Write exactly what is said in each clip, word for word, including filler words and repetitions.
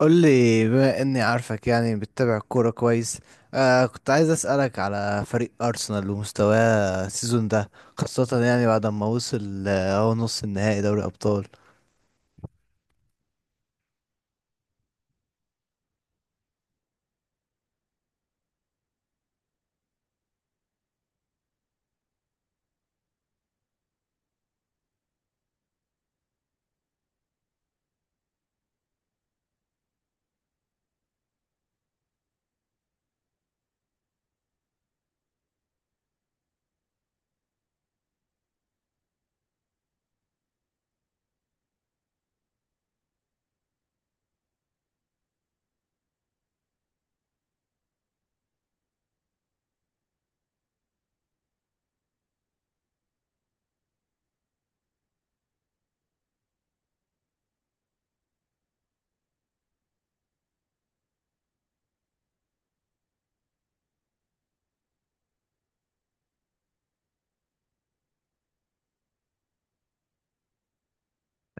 قول لي بما اني عارفك يعني بتتابع الكوره كويس. آه كنت عايز اسالك على فريق ارسنال ومستواه السيزون ده، خاصه يعني بعد ما وصل آه، هو نص النهائي دوري ابطال.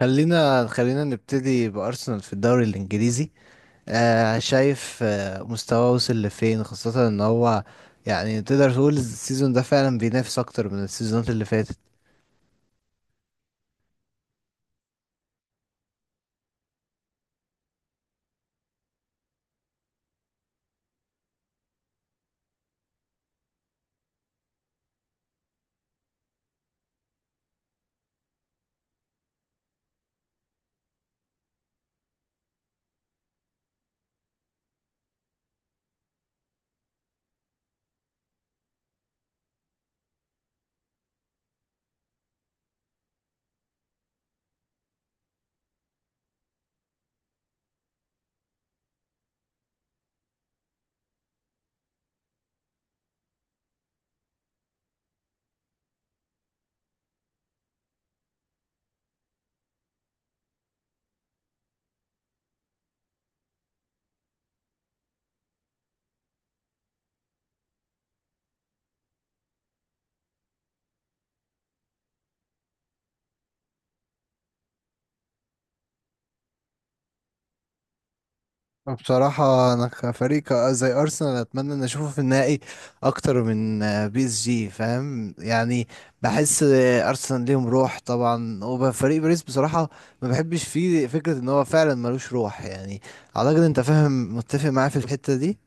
خلينا خلينا نبتدي بارسنال في الدوري الانجليزي. آه شايف آه مستواه وصل لفين، خاصه ان هو يعني تقدر تقول السيزون ده فعلا بينافس اكتر من السيزونات اللي فاتت. بصراحة أنا كفريق ك- زي أرسنال أتمنى إن أشوفه في النهائي أكتر من آه، بي إس جي، فاهم يعني. بحس آه، أرسنال ليهم روح طبعا، وفريق باريس بصراحة ما بحبش فيه، فكرة إن هو فعلا ملوش روح يعني. أعتقد أنت فاهم، متفق معايا في الحتة دي.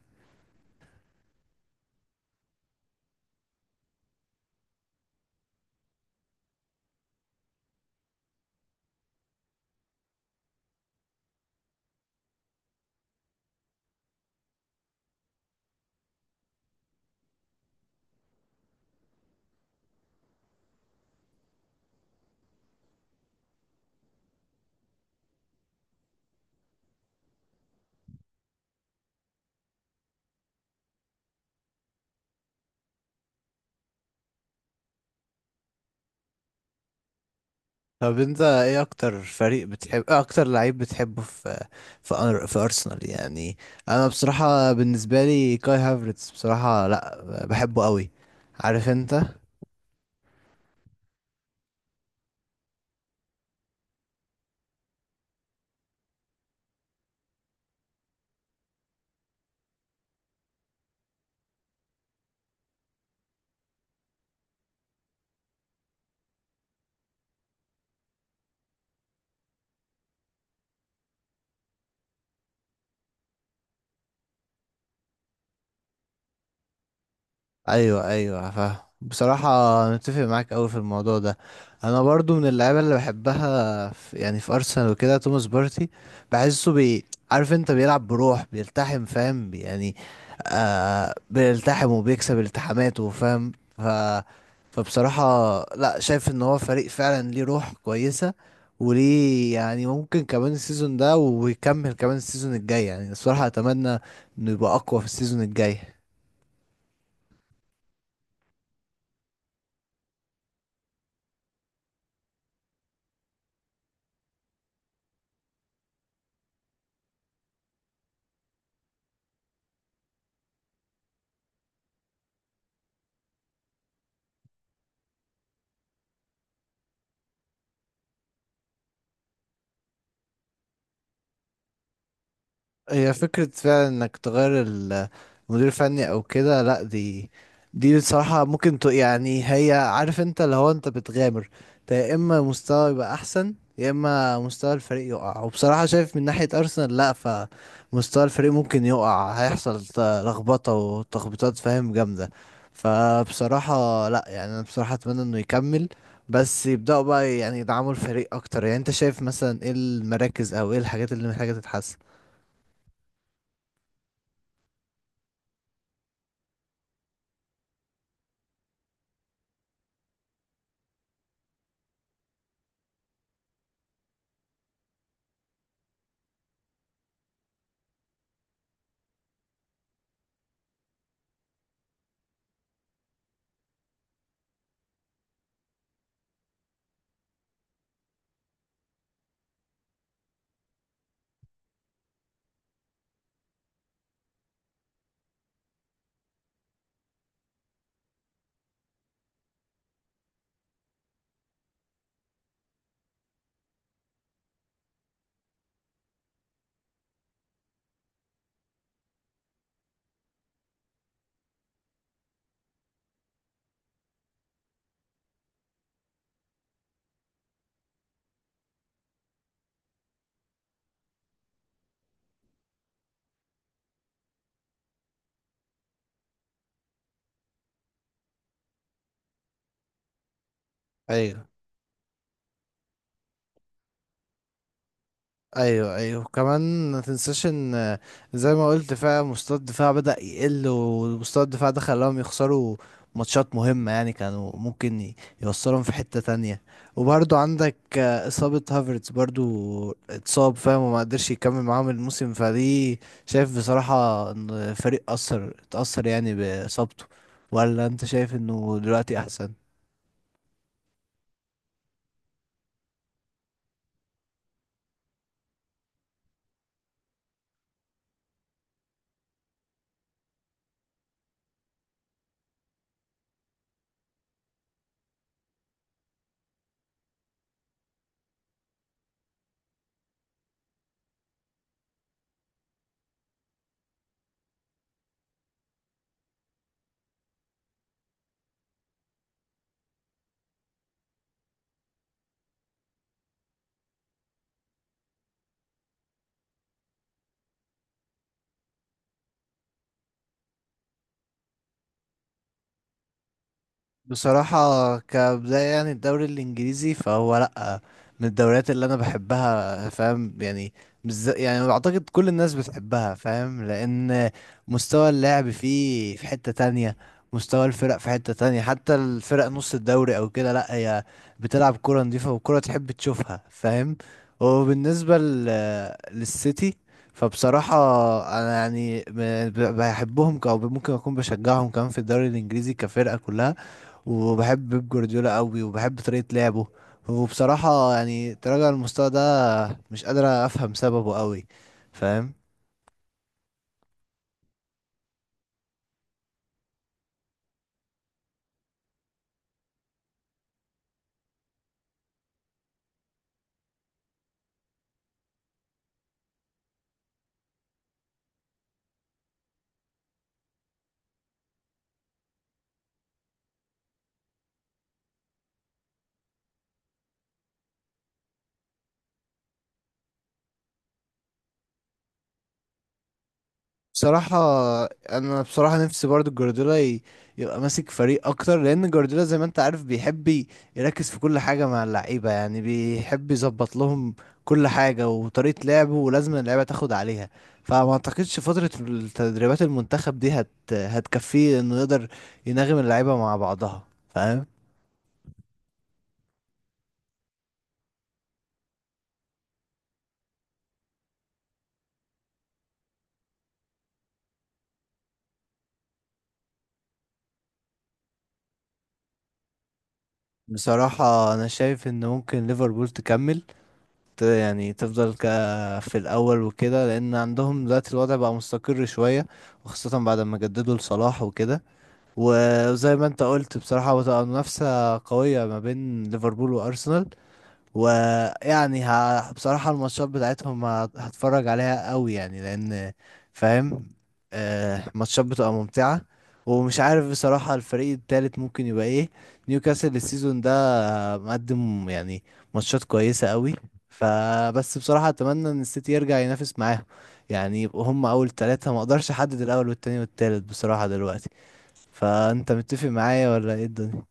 طب أنت إيه أكتر فريق بتحب، إيه أكتر لعيب بتحبه في في أر- في أرسنال يعني؟ أنا بصراحة بالنسبة لي كاي هافرتز، بصراحة لأ بحبه قوي، عارف أنت. ايوه، ايوه فاهم. بصراحه انا متفق معاك قوي في الموضوع ده. انا برضو من اللعيبه اللي بحبها في يعني في ارسنال وكده توماس بارتي، بحسه بي عارف انت، بيلعب بروح، بيلتحم فاهم يعني. آه بيلتحم وبيكسب التحاماته، فاهم. ف فبصراحه لا، شايف ان هو فريق فعلا ليه روح كويسه، وليه يعني ممكن كمان السيزون ده ويكمل كمان السيزون الجاي. يعني الصراحه اتمنى انه يبقى اقوى في السيزون الجاي. هي فكرة فعلا انك تغير ال- المدير الفني او كده، لا، دي دي بصراحة ممكن ت... يعني هي، عارف انت اللي هو انت بتغامر. انت يا اما مستوى يبقى احسن، يا اما مستوى الفريق يقع. وبصراحة شايف من ناحية ارسنال لا، فمستوى الفريق ممكن يقع، هيحصل ت- لخبطة وتخبيطات فاهم جامدة. فبصراحة لا يعني، انا بصراحة اتمنى انه يكمل، بس يبدأوا بقى يعني يدعموا الفريق اكتر. يعني انت شايف مثلا ايه المراكز او ايه الحاجات اللي محتاجة تتحسن؟ ايوه، ايوه ايوه كمان ما تنساش ان زي ما قلت فعلا مستوى الدفاع بدأ يقل، ومستوى الدفاع ده خلاهم يخسروا ماتشات مهمة يعني، كانوا ممكن ي- يوصلهم في حتة تانية. وبرضو عندك آه، إصابة هافرتز، برضو اتصاب فاهم، وما قدرش يكمل معاهم الموسم. فدي شايف بصراحة ان الفريق أثر، اتأثر يعني بإصابته، ولا انت شايف انه دلوقتي احسن؟ بصراحة كبداية يعني الدوري الإنجليزي فهو لأ، من الدوريات اللي أنا بحبها فاهم يعني. مش زي- يعني أعتقد كل الناس بتحبها، فاهم، لأن مستوى اللعب فيه في حتة تانية، مستوى الفرق في حتة تانية، حتى الفرق نص الدوري أو كده لأ، هي بتلعب كرة نظيفة وكرة تحب تشوفها، فاهم. وبالنسبة ل- للسيتي، فبصراحة أنا يعني ب- بحبهم ك- أو ممكن أكون بشجعهم كمان في الدوري الإنجليزي كفرقة كلها، وبحب بيب جوارديولا قوي وبحب طريقة لعبه. وبصراحة يعني تراجع المستوى ده مش قادر أفهم سببه قوي، فاهم. بصراحة أنا بصراحة نفسي برضو جوارديولا ي- يبقى ماسك فريق أكتر، لأن جوارديولا زي ما أنت عارف بيحب ي- يركز في كل حاجة مع اللعيبة، يعني بيحب يظبط لهم كل حاجة وطريقة لعبه، ولازم اللعيبة تاخد عليها. فما أعتقدش فترة التدريبات المنتخب دي هت... هتكفيه إنه يقدر يناغم اللعيبة مع بعضها، فاهم. بصراحة أنا شايف إن ممكن ليفربول تكمل، ت- يعني تفضل ك في الأول وكده، لأن عندهم دلوقتي الوضع بقى مستقر شوية، وخاصة بعد ما جددوا لصلاح وكده. وزي ما أنت قلت بصراحة بتبقى منافسة قوية ما بين ليفربول وأرسنال، ويعني ه... بصراحة الماتشات بتاعتهم هت- هتفرج عليها قوي يعني، لأن فاهم آه ماتشات بتبقى ممتعة. ومش عارف بصراحة الفريق التالت ممكن يبقى ايه، نيوكاسل السيزون ده مقدم يعني ماتشات كويسة قوي. فبس بصراحة أتمنى إن السيتي يرجع ينافس معاهم، يعني يبقوا هم أول تلاتة. مقدرش أحدد الأول والتاني والتالت بصراحة دلوقتي. فأنت متفق معايا ولا ايه الدنيا؟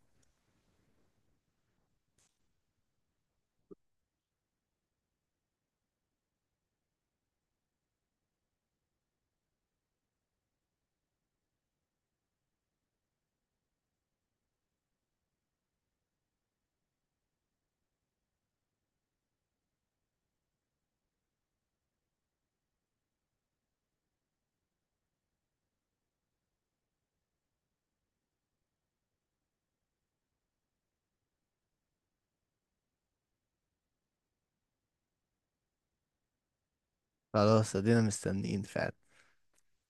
خلاص، ادينا مستنيين فعلا.